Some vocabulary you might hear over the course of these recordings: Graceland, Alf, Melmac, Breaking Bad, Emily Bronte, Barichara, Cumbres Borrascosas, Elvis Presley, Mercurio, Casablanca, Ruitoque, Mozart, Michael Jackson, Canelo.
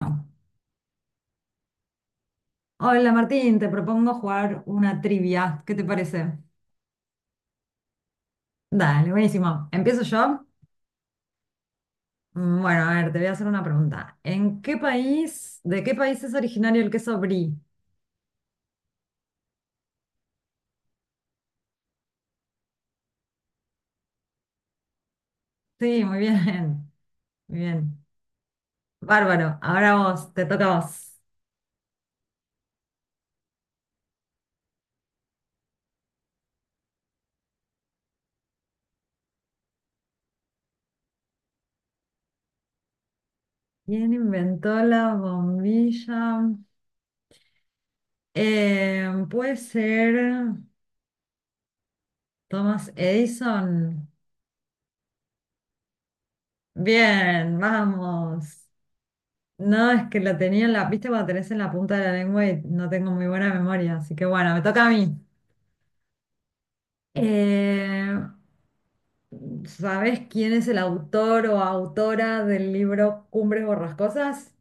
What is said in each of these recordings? No. Hola Martín, te propongo jugar una trivia. ¿Qué te parece? Dale, buenísimo. ¿Empiezo yo? Bueno, a ver, te voy a hacer una pregunta. ¿En qué país, de qué país es originario el queso brie? Sí, muy bien, muy bien. Bárbaro, ahora vos, te toca a vos. ¿Quién inventó la bombilla? Puede ser Thomas Edison. Bien, vamos. No, es que la tenía en la, viste, cuando tenés en la punta de la lengua y no tengo muy buena memoria, así que bueno, me toca a mí. Eh, ¿Sabés quién es el autor o autora del libro Cumbres Borrascosas?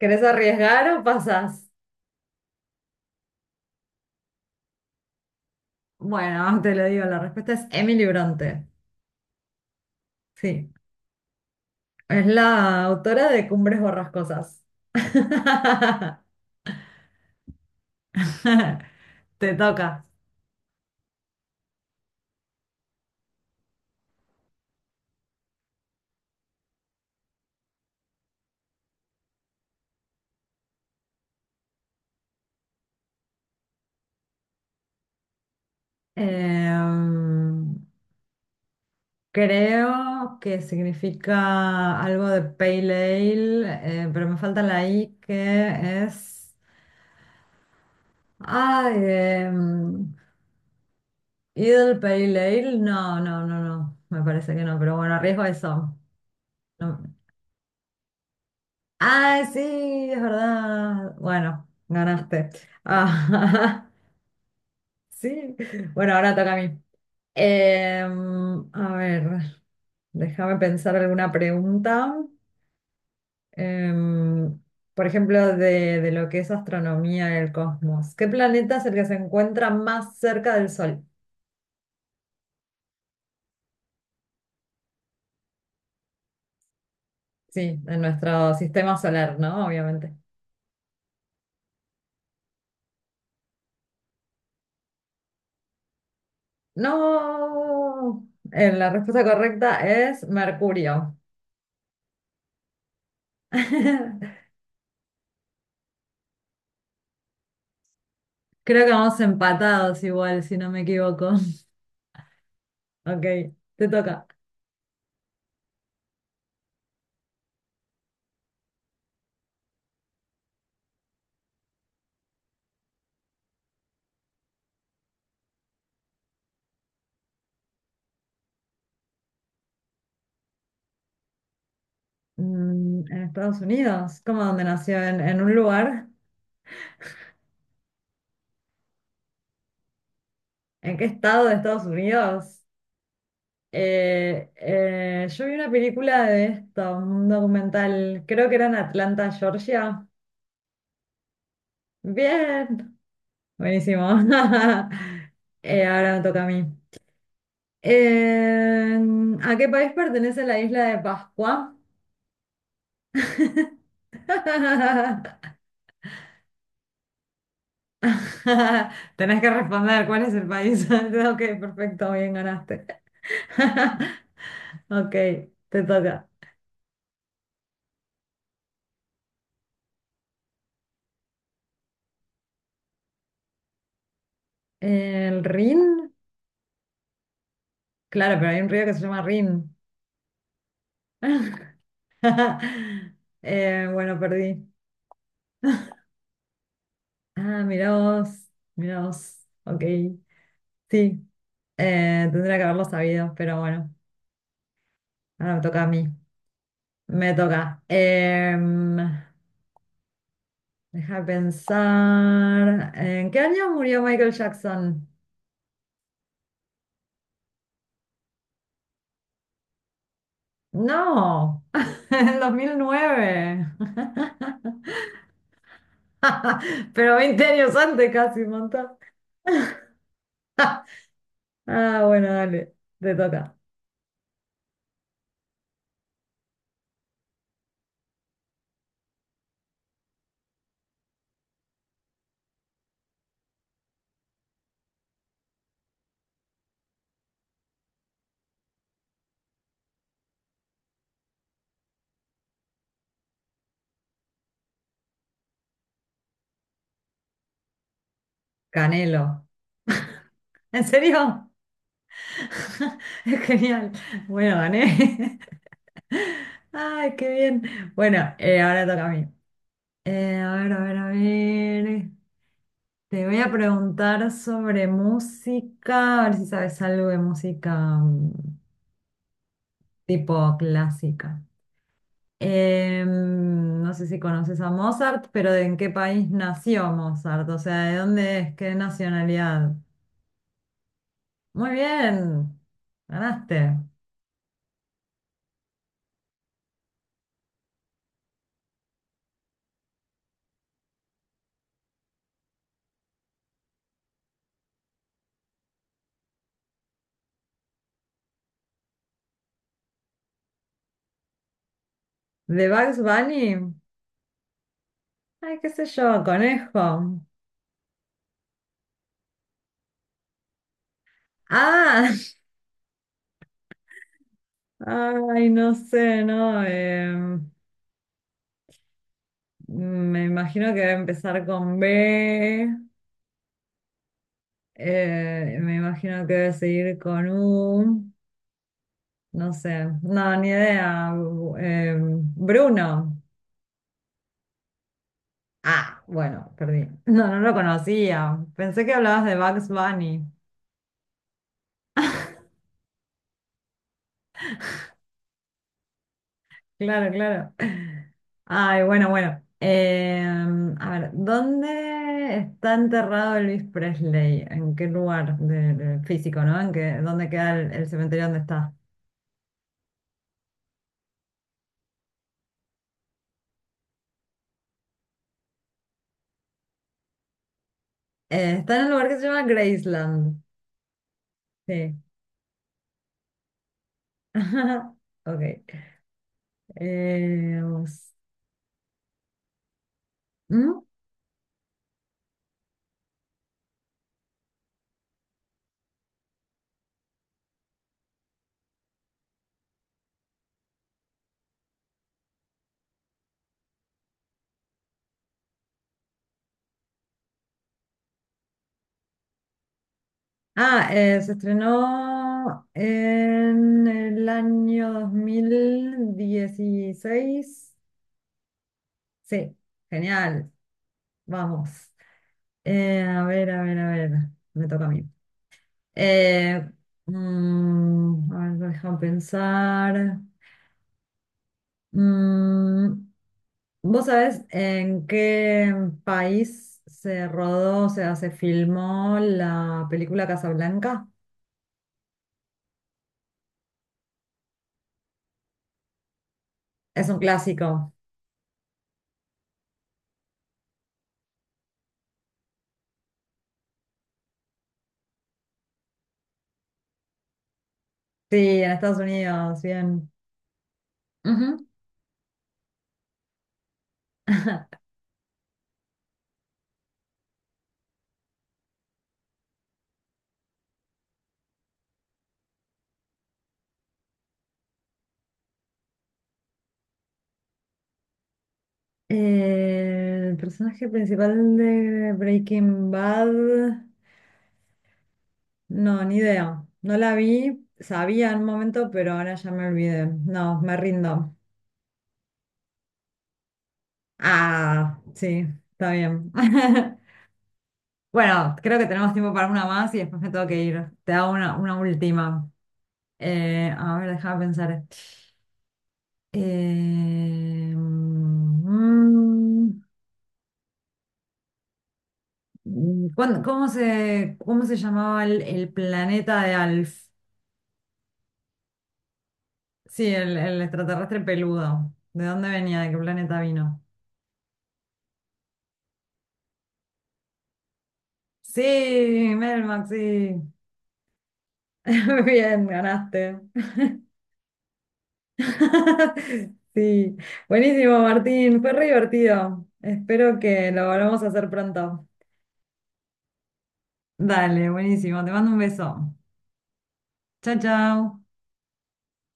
¿Querés arriesgar o pasás? Bueno, te lo digo, la respuesta es Emily Bronte. Sí, es la autora de Cumbres Borrascosas. Te toca. Em, Creo que significa algo de pale ale, pero me falta la I que es. Ay, Idle Pale Ale. No. Me parece que no, pero bueno, arriesgo eso. No. Ay, sí, es verdad. Bueno, ganaste. Ah, sí. Bueno, ahora toca a mí. A ver, déjame pensar alguna pregunta. Em, por ejemplo, de lo que es astronomía del cosmos. ¿Qué planeta es el que se encuentra más cerca del Sol? Sí, en nuestro sistema solar, ¿no? Obviamente. No, la respuesta correcta es Mercurio. Creo que vamos empatados igual, si no me equivoco. Ok, te toca. Mm, en Estados Unidos, ¿cómo donde nació? ¿En un lugar? ¿En qué estado de Estados Unidos? Yo vi una película de esto, un documental, creo que era en Atlanta, Georgia. Bien, buenísimo. Ahora me toca a mí. Eh, ¿A qué país pertenece la isla de Pascua? Tenés que responder cuál es el país. Ok, perfecto, bien ganaste. Ok, te toca. ¿El Rin? Claro, pero hay un río que se llama Rin. Bueno, perdí. Ah, mirá vos, mirá vos. Ok, sí, tendría que haberlo sabido, pero bueno, ahora me toca a mí. Me toca. Deja de pensar. ¿En qué año murió Michael Jackson? No, en 2009. Pero 20 años antes casi, un montón. Ah, bueno, dale, te toca. Canelo. ¿En serio? Genial. Bueno, gané. Ay, qué bien. Bueno, ahora toca a mí. A ver. Te voy a preguntar sobre música, a ver si sabes algo de música tipo clásica. No sé si conoces a Mozart, pero ¿de en qué país nació Mozart? O sea, ¿de dónde es? ¿Qué nacionalidad? Muy bien, ganaste. ¿De Bugs Bunny? Ay, qué sé yo, conejo. Ah, ay, no sé, ¿no? Me imagino que va a empezar con B. Me imagino que debe seguir con U. No sé, no, ni idea. Bruno. Ah, bueno, perdí. No, no lo conocía. Pensé que hablabas de Bugs Bunny. Claro, claro. Ay, bueno, bueno. A ver, ¿dónde está enterrado Elvis Presley? ¿En qué lugar de físico, no? ¿En qué, dónde queda el cementerio donde está? Está en un lugar que se llama Graceland. Sí. Ok. Vamos. ¿Mm? Ah, se estrenó en el año 2016. Sí, genial. Vamos. A ver. Me toca a mí. Eh, a ver, deja pensar. Mm, ¿Vos sabés en qué país se rodó, o sea, se filmó la película Casablanca? Es un clásico. Sí, en Estados Unidos, bien. Ujú. El personaje principal de Breaking Bad. No, ni idea. No la vi, sabía en un momento, pero ahora ya me olvidé. No, me rindo. Ah, sí, está bien. Bueno, creo que tenemos tiempo para una más y después me tengo que ir. Te hago una última. A ver, déjame pensar. Eh, mm, cómo se llamaba el planeta de Alf? Sí, el extraterrestre peludo. ¿De dónde venía? ¿De qué planeta vino? Sí, Melmac, sí. Muy bien, ganaste. Sí, buenísimo, Martín. Fue re divertido. Espero que lo volvamos a hacer pronto. Dale, buenísimo. Te mando un beso. Chao, chao.